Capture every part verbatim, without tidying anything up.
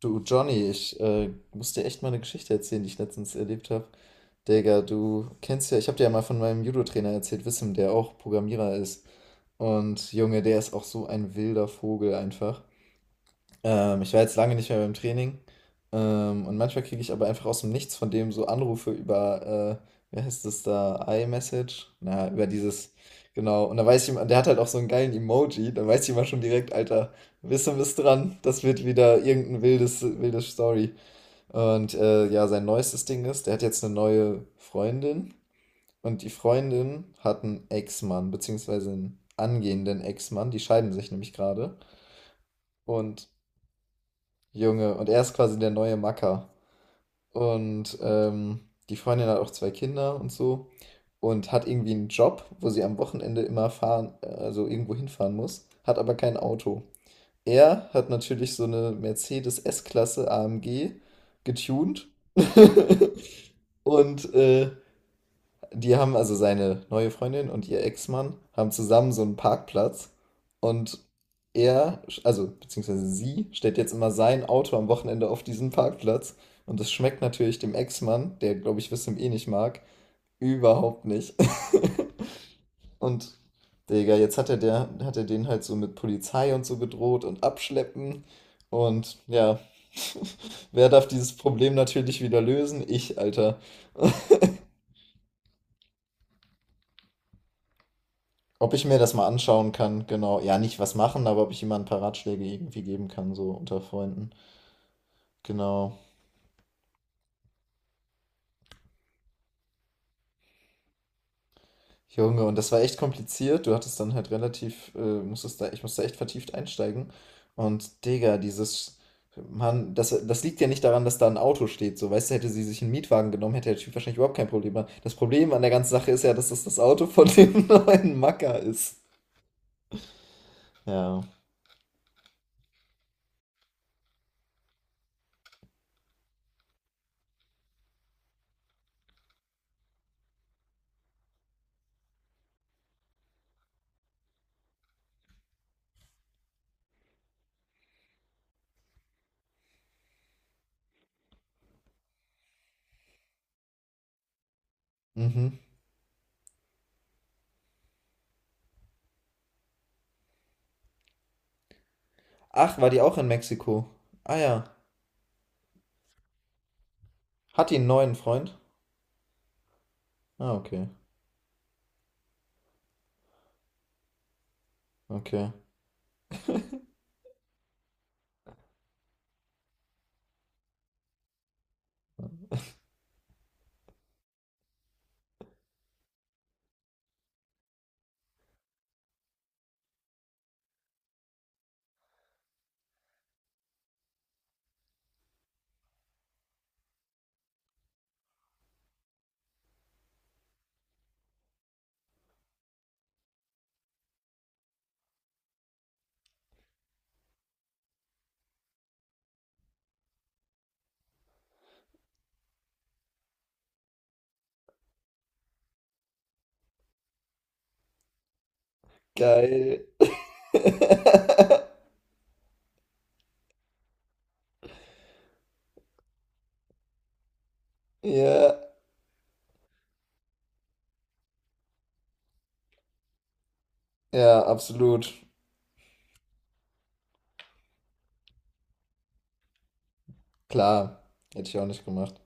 Du, Johnny, ich äh, muss dir echt mal eine Geschichte erzählen, die ich letztens erlebt habe. Digga, du kennst ja, ich habe dir ja mal von meinem Judo-Trainer erzählt, Wissam, der auch Programmierer ist. Und Junge, der ist auch so ein wilder Vogel einfach. Ähm, ich war jetzt lange nicht mehr beim Training. Ähm, und manchmal kriege ich aber einfach aus dem Nichts von dem so Anrufe über, äh, wie heißt das da, iMessage? Na, über dieses, genau. Und da weiß ich, immer- der hat halt auch so einen geilen Emoji. Da weiß ich immer schon direkt, Alter, Wissen ist dran. Das wird wieder irgendein wildes, wildes Story. Und äh, ja, sein neuestes Ding ist, der hat jetzt eine neue Freundin. Und die Freundin hat einen Ex-Mann, beziehungsweise einen angehenden Ex-Mann. Die scheiden sich nämlich gerade. Und Junge, und er ist quasi der neue Macker. Und ähm, Die Freundin hat auch zwei Kinder und so und hat irgendwie einen Job, wo sie am Wochenende immer fahren, äh, also irgendwo hinfahren muss, hat aber kein Auto. Er hat natürlich so eine Mercedes S-Klasse A M G getuned und äh, die haben also seine neue Freundin und ihr Ex-Mann haben zusammen so einen Parkplatz und er, also beziehungsweise sie, stellt jetzt immer sein Auto am Wochenende auf diesen Parkplatz und das schmeckt natürlich dem Ex-Mann, der glaube ich Wissam eh nicht mag, überhaupt nicht. Und Digga, jetzt hat er, der, hat er den halt so mit Polizei und so bedroht und abschleppen und ja, wer darf dieses Problem natürlich wieder lösen? Ich, Alter. Ob ich mir das mal anschauen kann, genau. Ja, nicht was machen, aber ob ich jemandem ein paar Ratschläge irgendwie geben kann, so unter Freunden. Genau. Junge, und das war echt kompliziert. Du hattest dann halt relativ, äh, musstest da, Ich musste echt vertieft einsteigen. Und Digga, dieses, Mann, das, das liegt ja nicht daran, dass da ein Auto steht. So, weißt du, hätte sie sich einen Mietwagen genommen, hätte der Typ wahrscheinlich überhaupt kein Problem. gehabt. Das Problem an der ganzen Sache ist ja, dass das das Auto von dem neuen Macker ist. Ja. Mhm. Ach, war die auch in Mexiko? Ah ja. Hat die einen neuen Freund? Ah, okay. Okay. Geil. Ja, ja, absolut. Klar. Hätte ich auch nicht gemacht.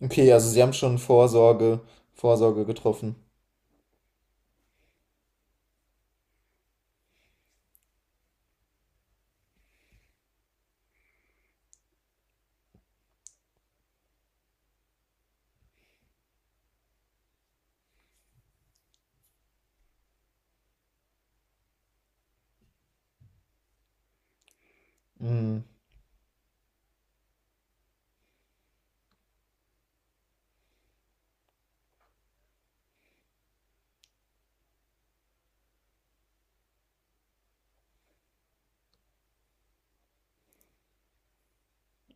Okay, also Sie haben schon Vorsorge, Vorsorge getroffen. Mhm.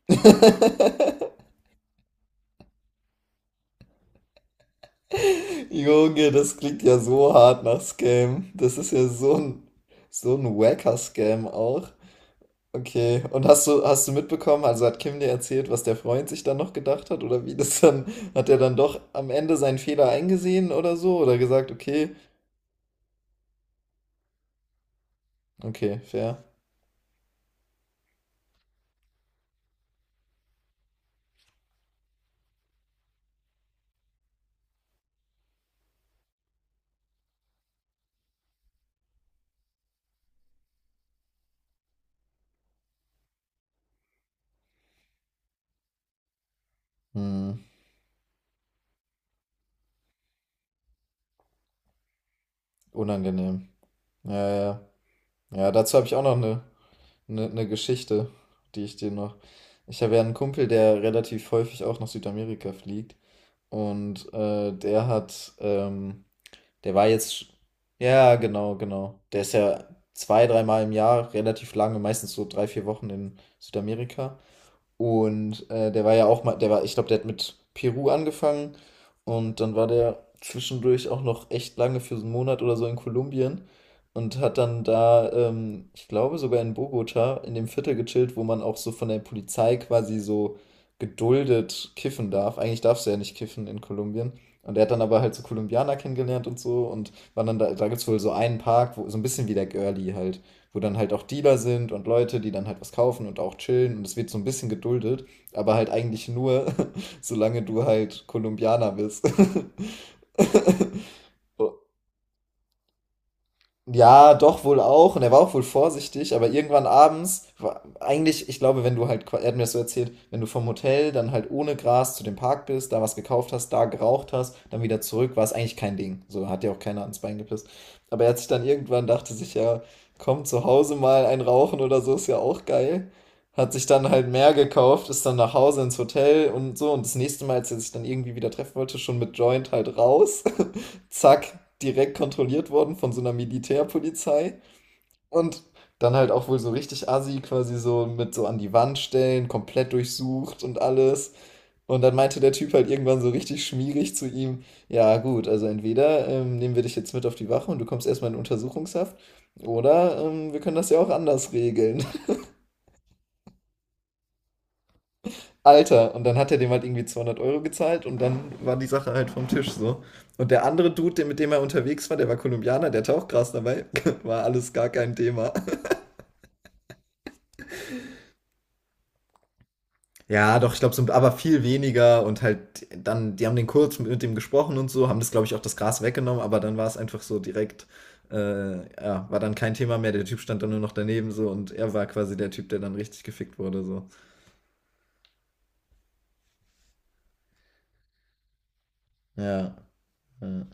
Junge, das klingt ja so hart nach Scam. Das ist ja so ein, so ein wacker Scam auch. Okay, und hast du, hast du mitbekommen, also hat Kim dir erzählt, was der Freund sich dann noch gedacht hat oder wie das dann, hat er dann doch am Ende seinen Fehler eingesehen oder so oder gesagt, okay, okay, fair. Hm. Unangenehm. Ja, ja. Ja, ja, dazu habe ich auch noch eine, eine, eine Geschichte, die ich dir noch. Ich habe ja einen Kumpel, der relativ häufig auch nach Südamerika fliegt. Und äh, der hat, ähm, der war jetzt, sch- ja, genau, genau. Der ist ja zwei, dreimal im Jahr relativ lange, meistens so drei, vier Wochen in Südamerika. Und äh, der war ja auch mal, der war, ich glaube, der hat mit Peru angefangen und dann war der zwischendurch auch noch echt lange für so einen Monat oder so in Kolumbien und hat dann da, ähm, ich glaube, sogar in Bogota in dem Viertel gechillt, wo man auch so von der Polizei quasi so geduldet kiffen darf. Eigentlich darfst du ja nicht kiffen in Kolumbien. Und er hat dann aber halt so Kolumbianer kennengelernt und so und war dann da, da gibt es wohl so einen Park, wo, so ein bisschen wie der Girlie halt, wo dann halt auch Dealer sind und Leute, die dann halt was kaufen und auch chillen und es wird so ein bisschen geduldet, aber halt eigentlich nur, solange du halt Kolumbianer bist. Ja, doch wohl auch. Und er war auch wohl vorsichtig, aber irgendwann abends, war, eigentlich, ich glaube, wenn du halt, qua- er hat mir das so erzählt, wenn du vom Hotel dann halt ohne Gras zu dem Park bist, da was gekauft hast, da geraucht hast, dann wieder zurück, war es eigentlich kein Ding. So hat dir auch keiner ans Bein gepisst. Aber er hat sich dann irgendwann, dachte sich ja, komm, zu Hause mal ein Rauchen oder so, ist ja auch geil. Hat sich dann halt mehr gekauft, ist dann nach Hause ins Hotel und so. Und das nächste Mal, als er sich dann irgendwie wieder treffen wollte, schon mit Joint halt raus. Zack, direkt kontrolliert worden von so einer Militärpolizei. Und dann halt auch wohl so richtig assi, quasi so mit so an die Wand stellen, komplett durchsucht und alles. Und dann meinte der Typ halt irgendwann so richtig schmierig zu ihm, ja gut, also entweder ähm, nehmen wir dich jetzt mit auf die Wache und du kommst erstmal in Untersuchungshaft, oder ähm, wir können das ja auch anders regeln. Alter, und dann hat er dem halt irgendwie zweihundert Euro gezahlt und dann war die Sache halt vom Tisch so. Und der andere Dude, der- mit dem er unterwegs war, der war Kolumbianer, der hatte auch Gras dabei, war alles gar kein Thema. Ja, doch, ich glaube, so, aber viel weniger und halt dann, die haben den kurz mit dem gesprochen und so, haben das, glaube ich, auch das Gras weggenommen, aber dann war es einfach so direkt, äh, ja, war dann kein Thema mehr, der Typ stand dann nur noch daneben so und er war quasi der Typ, der dann richtig gefickt wurde so. Ja, ja.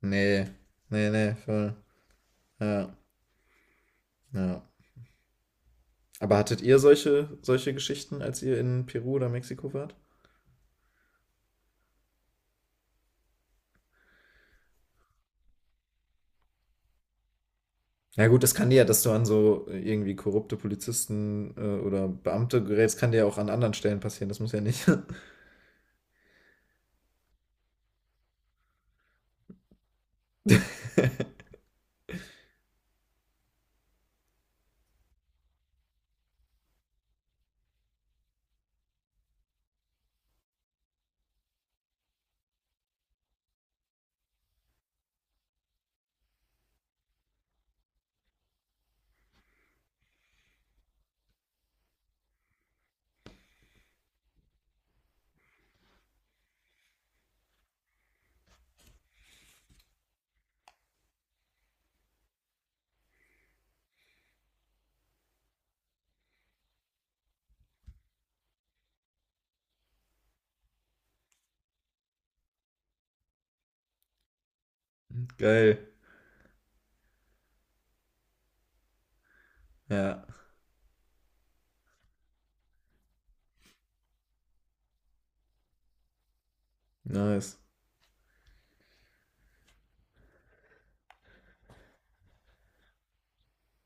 nee, nee, nee, voll, ja, ja. Aber hattet ihr solche, solche Geschichten, als ihr in Peru oder Mexiko wart? Na gut, das kann dir ja, dass du an so äh, irgendwie korrupte Polizisten äh, oder Beamte gerätst, kann dir ja auch an anderen Stellen passieren. Das muss ja nicht. Geil. Ja. Nice.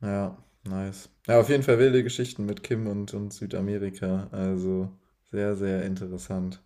Ja, nice. Ja, auf jeden Fall wilde Geschichten mit Kim und, und Südamerika. Also sehr, sehr interessant.